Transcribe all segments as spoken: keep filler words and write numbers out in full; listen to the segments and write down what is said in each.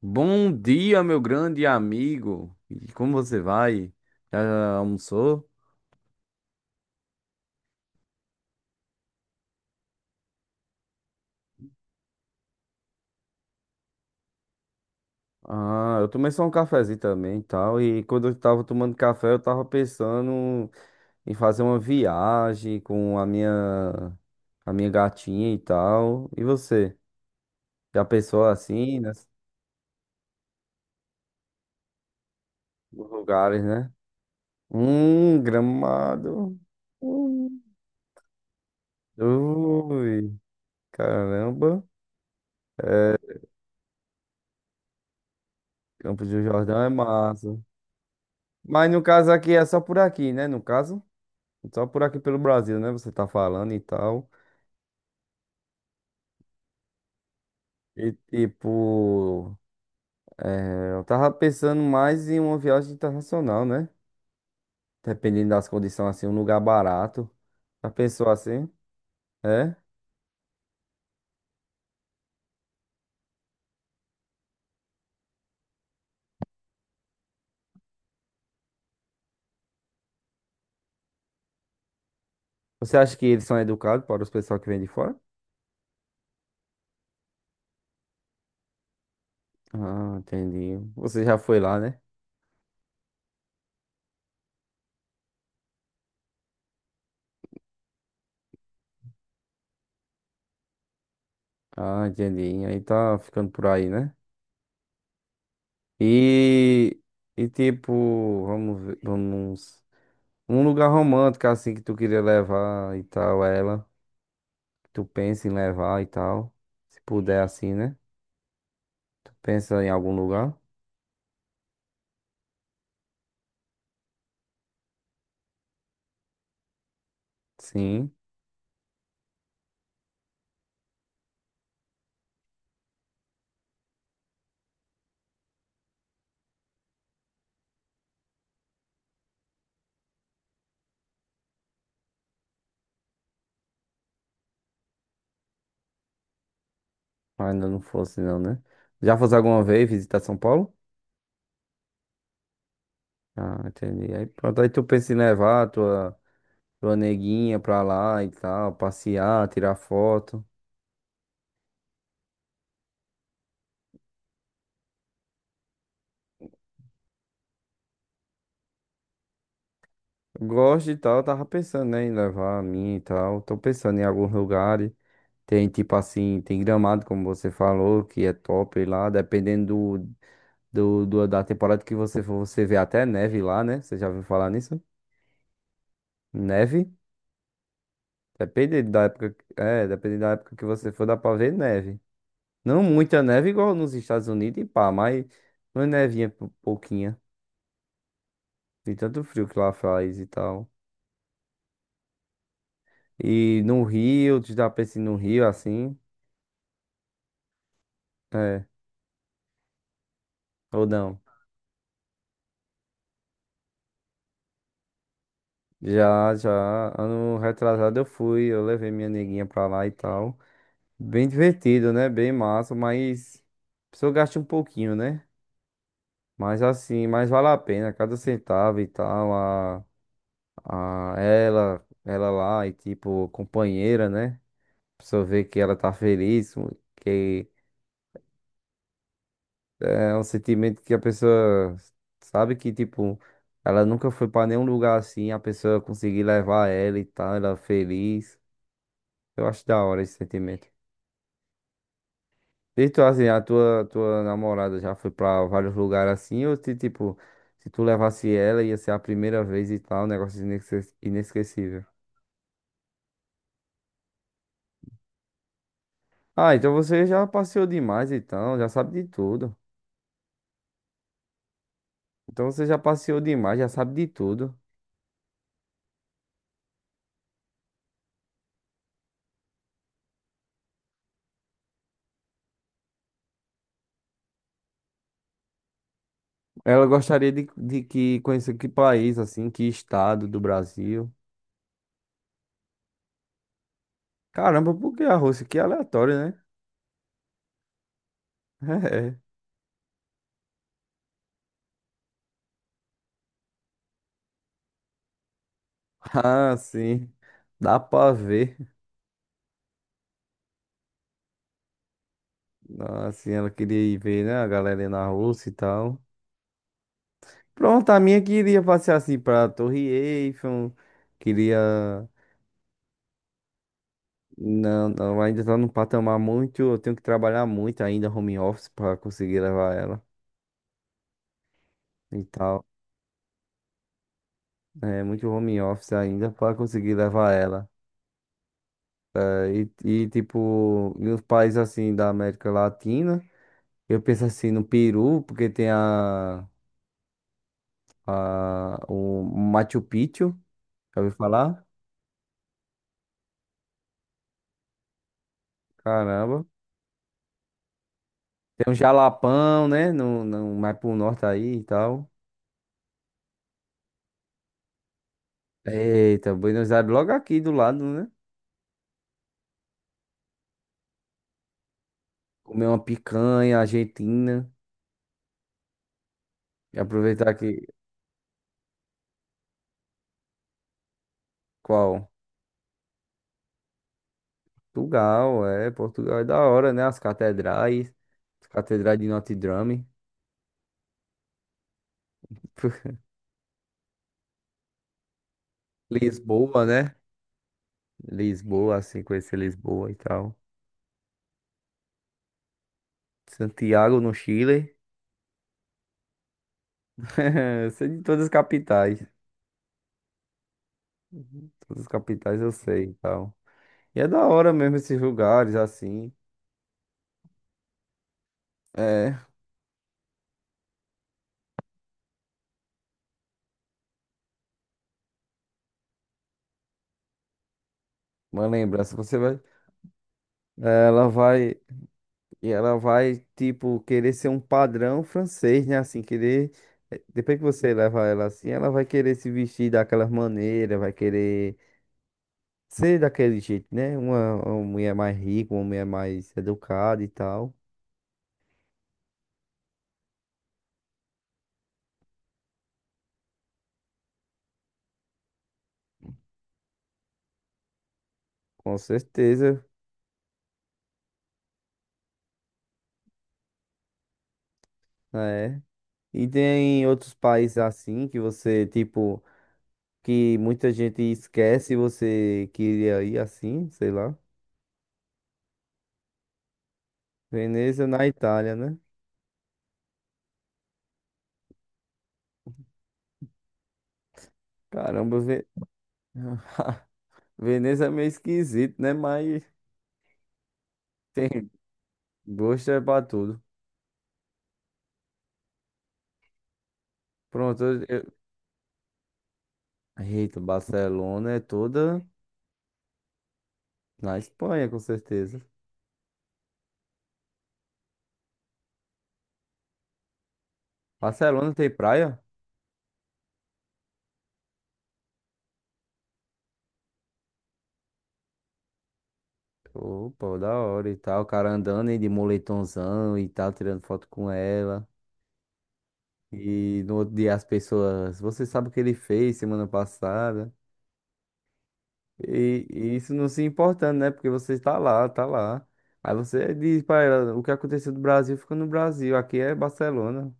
Bom dia, meu grande amigo. E como você vai? Já almoçou? Ah, eu tomei só um cafezinho também e tal. E quando eu tava tomando café, eu tava pensando em fazer uma viagem com a minha, a minha gatinha e tal. E você? Já pensou assim, né? Nos lugares, né? Hum, Gramado. Hum. Ui, caramba. Campos do Jordão é massa. Mas no caso aqui é só por aqui, né? No caso. Só por aqui pelo Brasil, né? Você tá falando e tal. E tipo, é, eu tava pensando mais em uma viagem internacional, né? Dependendo das condições, assim, um lugar barato. Já pensou assim? É? Você acha que eles são educados para os pessoal que vem de fora? Ah, entendi. Você já foi lá, né? Ah, entendi. Aí tá ficando por aí, né? E, e tipo, vamos ver, vamos. Um lugar romântico, assim, que tu queria levar e tal, ela. Tu pensa em levar e tal. Se puder assim, né? Tu pensa em algum lugar? Sim. mas Ainda não fosse não, né? Já fosse alguma vez visitar São Paulo? Ah, entendi. Aí pronto, aí tu pensa em levar a tua, tua neguinha pra lá e tal, passear, tirar foto. Gosto e tal, tava pensando, né, em levar a minha e tal. Tô pensando em alguns lugares. Tem tipo assim, tem Gramado, como você falou, que é top lá, dependendo do, do- da temporada que você for, você vê até neve lá, né? Você já ouviu falar nisso? Neve? Depende da época, que- é, depende da época que você for, dá pra ver neve. Não muita neve igual nos Estados Unidos e pá, mas uma nevinha pou- pouquinha. De tanto frio que lá faz e tal. E no Rio, tu já pensa em ir no Rio assim? É, ou não? Já, já, ano retrasado eu fui, eu levei minha neguinha pra lá e tal. Bem divertido, né? Bem massa, mas a pessoa gasta um pouquinho, né? Mas assim, mas vale a pena cada centavo e tal, a, a ela, ela lá e tipo companheira, né? A pessoa vê que ela tá feliz, um, que é um sentimento que a pessoa sabe que tipo ela nunca foi pra nenhum lugar assim, a pessoa conseguir levar ela e tal, ela feliz. Eu acho da hora esse sentimento. E tu, assim, a tua, tua, namorada já foi pra vários lugares assim, ou se, tipo, se tu levasse ela, ia ser a primeira vez e tal, um negócio inesque- inesquecível. Ah, então você já passeou demais, então, já sabe de tudo. Então você já passeou demais, já sabe de tudo. Ela gostaria de, de que conhecer que país, assim, que estado do Brasil. Caramba, por que a Rússia? Que aleatório, né? É. Ah, sim. Dá pra ver. Ah, Assim, ela queria ir ver, né, a galera na Rússia e tal. Pronto, a minha queria passear assim pra Torre Eiffel, queria. Não, não, ainda tá num patamar muito. Eu tenho que trabalhar muito ainda, home office, pra conseguir levar ela e tal. É, muito home office ainda pra conseguir levar ela. É, E, e tipo, nos países assim da América Latina, eu penso assim no Peru, porque tem a, a, o Machu Picchu, já ouviu falar? Caramba. Tem um Jalapão, né? No, no, mais pro norte aí e tal. Eita, Buenos Aires, logo aqui do lado, né? Comer uma picanha argentina e aproveitar que. Qual? Portugal, é. Portugal é da hora, né? As catedrais. As catedrais de Notre Dame. Lisboa, né? Lisboa, assim, conhecer Lisboa e tal. Santiago, no Chile. Eu sei de todas as capitais. Todas as capitais eu sei e tal. E é da hora mesmo esses lugares, assim. É, uma lembrança. Você vai. é, Ela vai. E ela vai, tipo, querer ser um padrão francês, né? Assim, querer. eh, Depois que você levar ela assim, ela vai querer se vestir daquela maneira, vai querer ser daquele jeito, né? Uma, uma mulher mais rica, uma mulher mais educada e tal. Com certeza, é. E tem outros países assim que você, tipo, que muita gente esquece e você queria ir assim, sei lá. Veneza na Itália, né? Caramba, Ve- Veneza é meio esquisito, né? Mas Tem gosto é pra tudo. Pronto, eu... eu- Eita, Barcelona é toda na Espanha, com certeza. Barcelona tem praia? Opa, da hora e tal. O cara andando aí de moletomzão e tal, tirando foto com ela. E no outro dia as pessoas, você sabe o que ele fez semana passada. E, e isso não se importando, né? Porque você está lá, tá lá. Aí você diz pra ela, o que aconteceu no Brasil fica no Brasil. Aqui é Barcelona.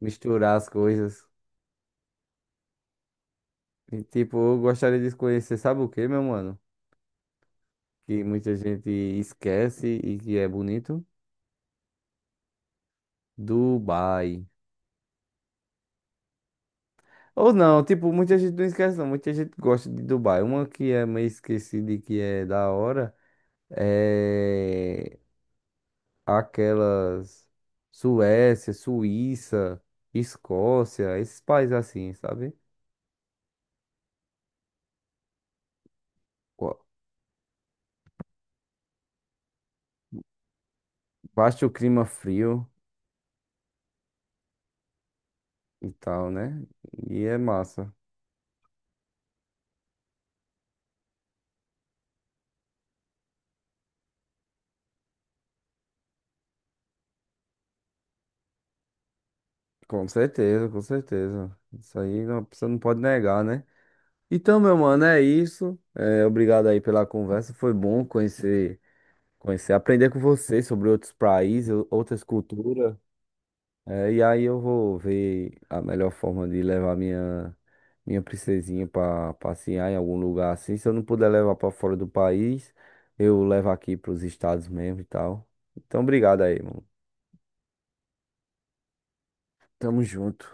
Misturar as coisas. E, tipo, eu gostaria de conhecer, sabe o que, meu mano? Que muita gente esquece e que é bonito. Dubai. Ou não, tipo, muita gente não esquece, não. Muita gente gosta de Dubai. Uma que é meio esquecida e que é da hora é aquelas Suécia, Suíça, Escócia, esses países assim, sabe? Qua- Basta o clima frio e tal, né? E é massa. Com certeza, com certeza. Isso aí não, você não pode negar, né? Então, meu mano, é isso. É, obrigado aí pela conversa. Foi bom conhecer, conhecer, aprender com você sobre outros países, ou- outras culturas. É, e aí eu vou ver a melhor forma de levar minha, minha, princesinha para passear em algum lugar assim. Se eu não puder levar para fora do país, eu levo aqui para os estados mesmo e tal. Então, obrigado aí, mano. Tamo junto.